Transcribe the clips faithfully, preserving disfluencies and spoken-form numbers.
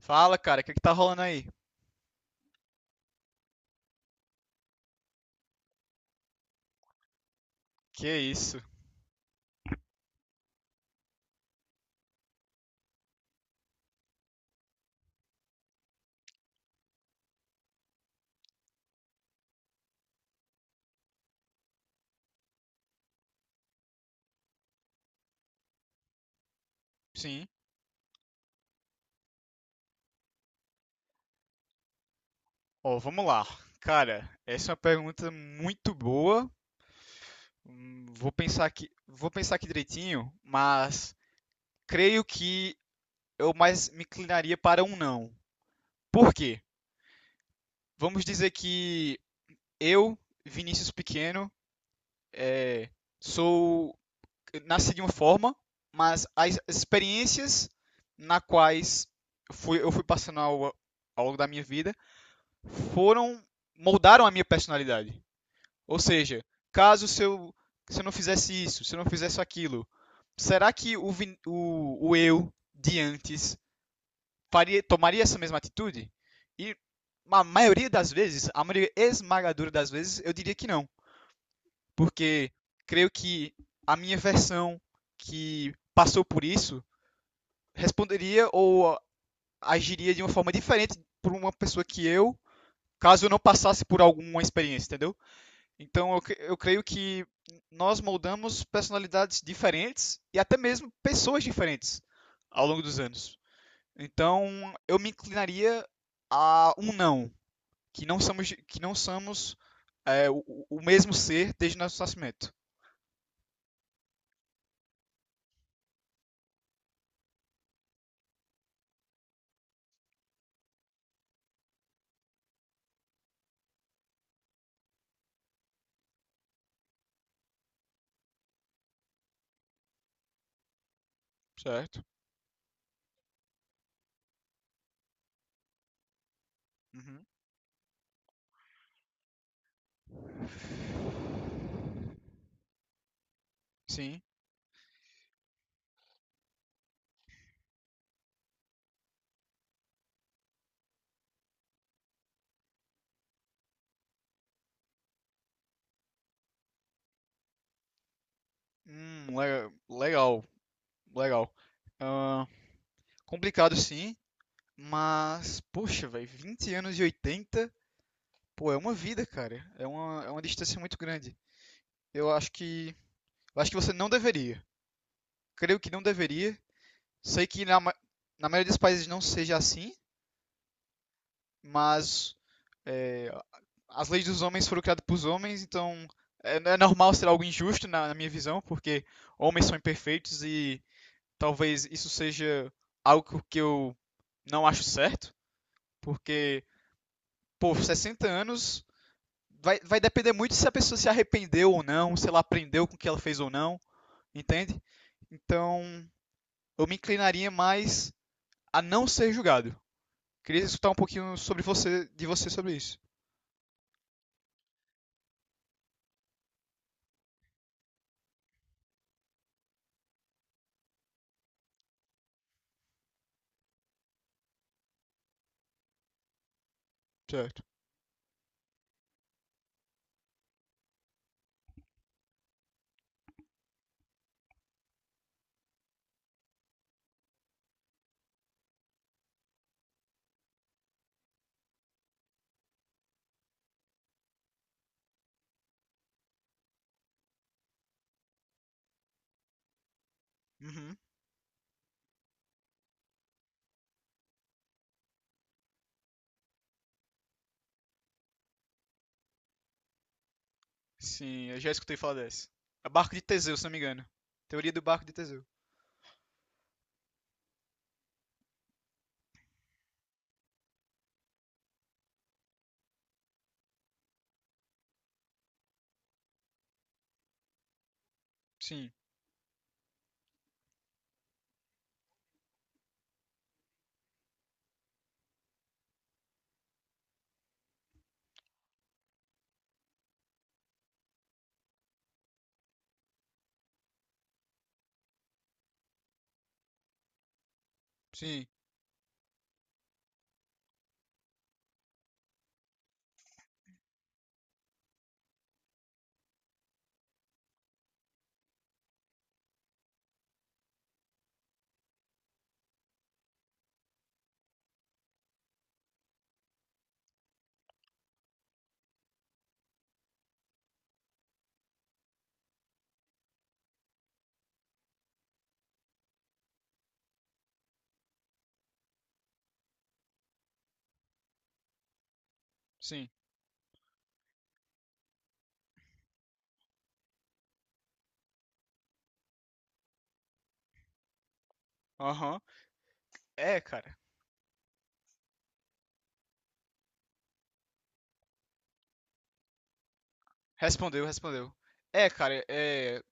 Fala, cara, o que que tá rolando aí? Que isso? Sim. Ó, vamos lá. Cara, essa é uma pergunta muito boa. Hum, Vou pensar aqui, vou pensar aqui direitinho, mas creio que eu mais me inclinaria para um não. Por quê? Vamos dizer que eu, Vinícius Pequeno, é, sou nasci de uma forma, mas as as experiências na quais fui- eu fui passando ao ao longo da minha vida foram moldaram a minha personalidade. Ou seja, caso se eu, se eu não fizesse isso, se eu não fizesse aquilo, será que o, o, o eu de antes faria, tomaria essa mesma atitude? E a maioria das vezes, a maioria esmagadora das vezes, eu diria que não. Porque creio que a minha versão que passou por isso responderia ou agiria de uma forma diferente por uma pessoa que eu, caso eu não passasse por alguma experiência, entendeu? Então, eu, cre- eu creio que nós moldamos personalidades diferentes e até mesmo pessoas diferentes ao longo dos anos. Então, eu me inclinaria a um não, que não somos, que não somos é, o, o- mesmo ser desde nosso nascimento, certo? Uhum. Sim. Hum, le- legal, legal. Ah, complicado sim, mas, poxa, velho, vinte anos de oitenta. Pô, é uma vida, cara. É uma, é uma distância muito grande. Eu acho que. Eu acho que você não deveria. Creio que não deveria. Sei que na, ma- na maioria dos países não seja assim, mas é, as leis dos homens foram criadas para os homens, então é, é normal ser algo injusto na, na minha visão, porque homens são imperfeitos e talvez isso seja algo que eu não acho certo, porque, pô, sessenta anos vai, vai depender muito se a pessoa se arrependeu ou não, se ela aprendeu com o que ela fez ou não. Entende? Então, eu me inclinaria mais a não ser julgado. Queria escutar um pouquinho sobre você, de você sobre isso. Certo. Uhum. Sim, eu já escutei falar dessa. É barco de Teseu, se não me engano. Teoria do barco de Teseu. Sim, sim, sim. Aham. É, cara. Respondeu, respondeu. É, cara, é,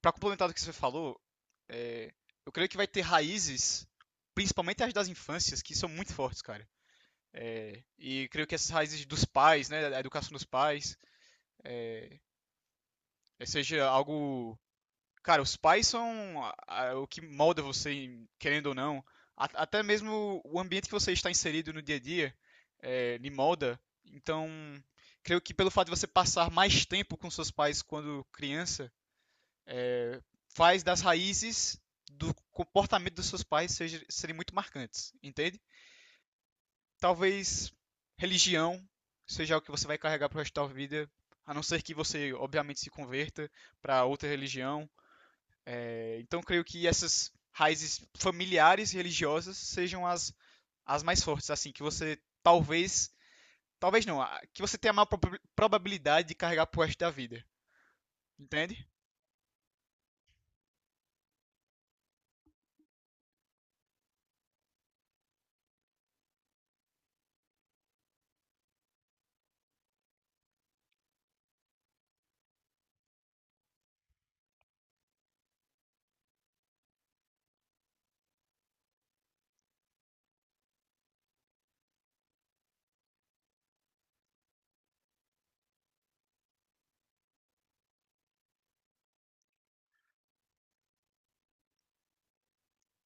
para complementar do que você falou, é, eu creio que vai ter raízes, principalmente as das infâncias, que são muito fortes, cara. É, e creio que essas raízes dos pais, né, a educação dos pais, é, é, seja algo. Cara, os pais são a- a- o que molda você, querendo ou não. A- até mesmo o ambiente que você está inserido no dia a dia é, lhe molda. Então, creio que pelo fato de você passar mais tempo com seus pais quando criança, é, faz das raízes do comportamento dos seus pais seja- serem muito marcantes, entende? Talvez religião seja o que você vai carregar pro resto da sua vida, a não ser que você, obviamente, se converta para outra religião. É, Então, creio que essas raízes familiares e religiosas sejam as, as mais fortes, assim, que você talvez. Talvez não, que você tenha a maior proba- probabilidade de carregar pro resto da vida. Entende?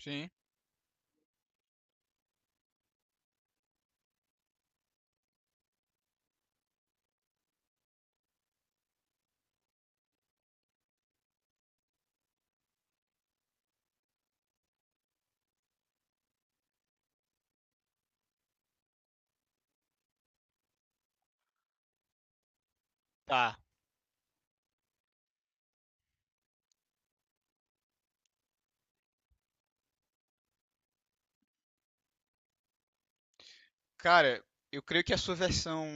Sim. Tá. Cara, eu creio que a sua versão.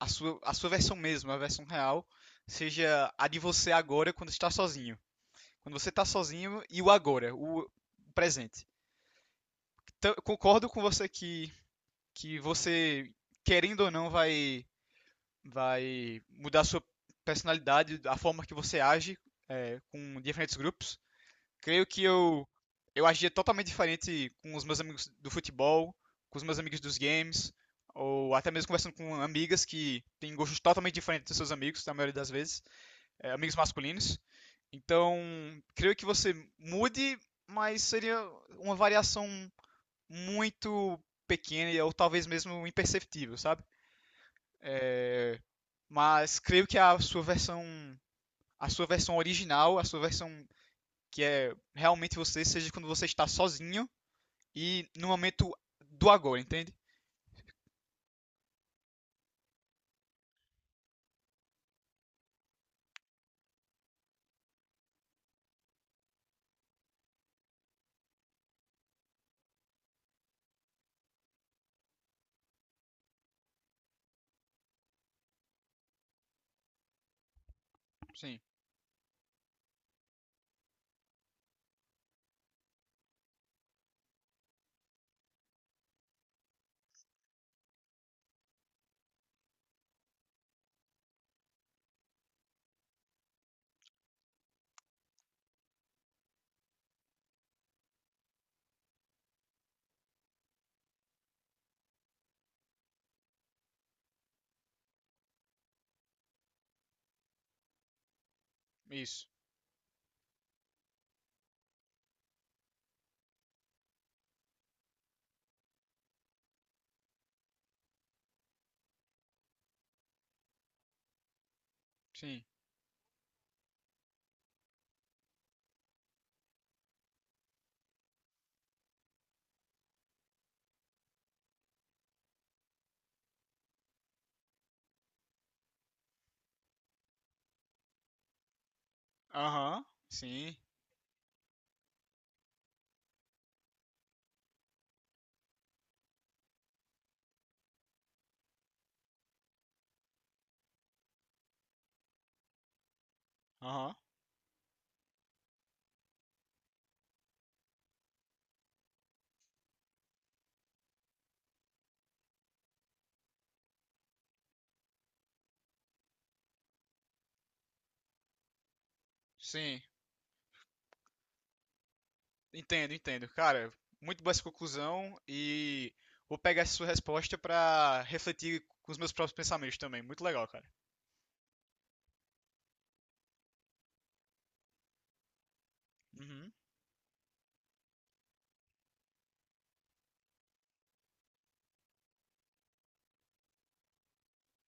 A sua, a sua versão mesmo, a versão real, seja a de você agora quando está sozinho. Quando você tá sozinho e o agora, o presente. Então, eu concordo com você que, que você, querendo ou não, vai, vai mudar a sua personalidade, a forma que você age é, com diferentes grupos. Creio que eu, eu agia totalmente diferente com os meus amigos do futebol, com os meus amigos dos games, ou até mesmo conversando com amigas que têm gostos totalmente diferentes dos seus amigos, na maioria das vezes é, amigos masculinos. Então, creio que você mude, mas seria uma variação muito pequena ou talvez mesmo imperceptível, sabe? Mas creio que a sua versão, a sua versão original, a sua versão que é realmente você, seja quando você está sozinho e no momento do agora, entende? Sim, isso. Sim. Aham. Sim. Aham. Sim. Entendo, entendo. Cara, muito boa essa conclusão e vou pegar essa sua resposta pra refletir com os meus próprios pensamentos também. Muito legal, cara. Uhum.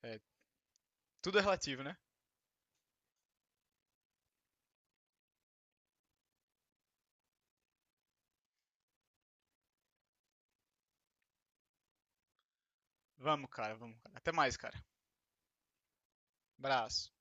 É, tudo é relativo, né? Vamos, cara, vamos, cara. Até mais, cara. Abraço.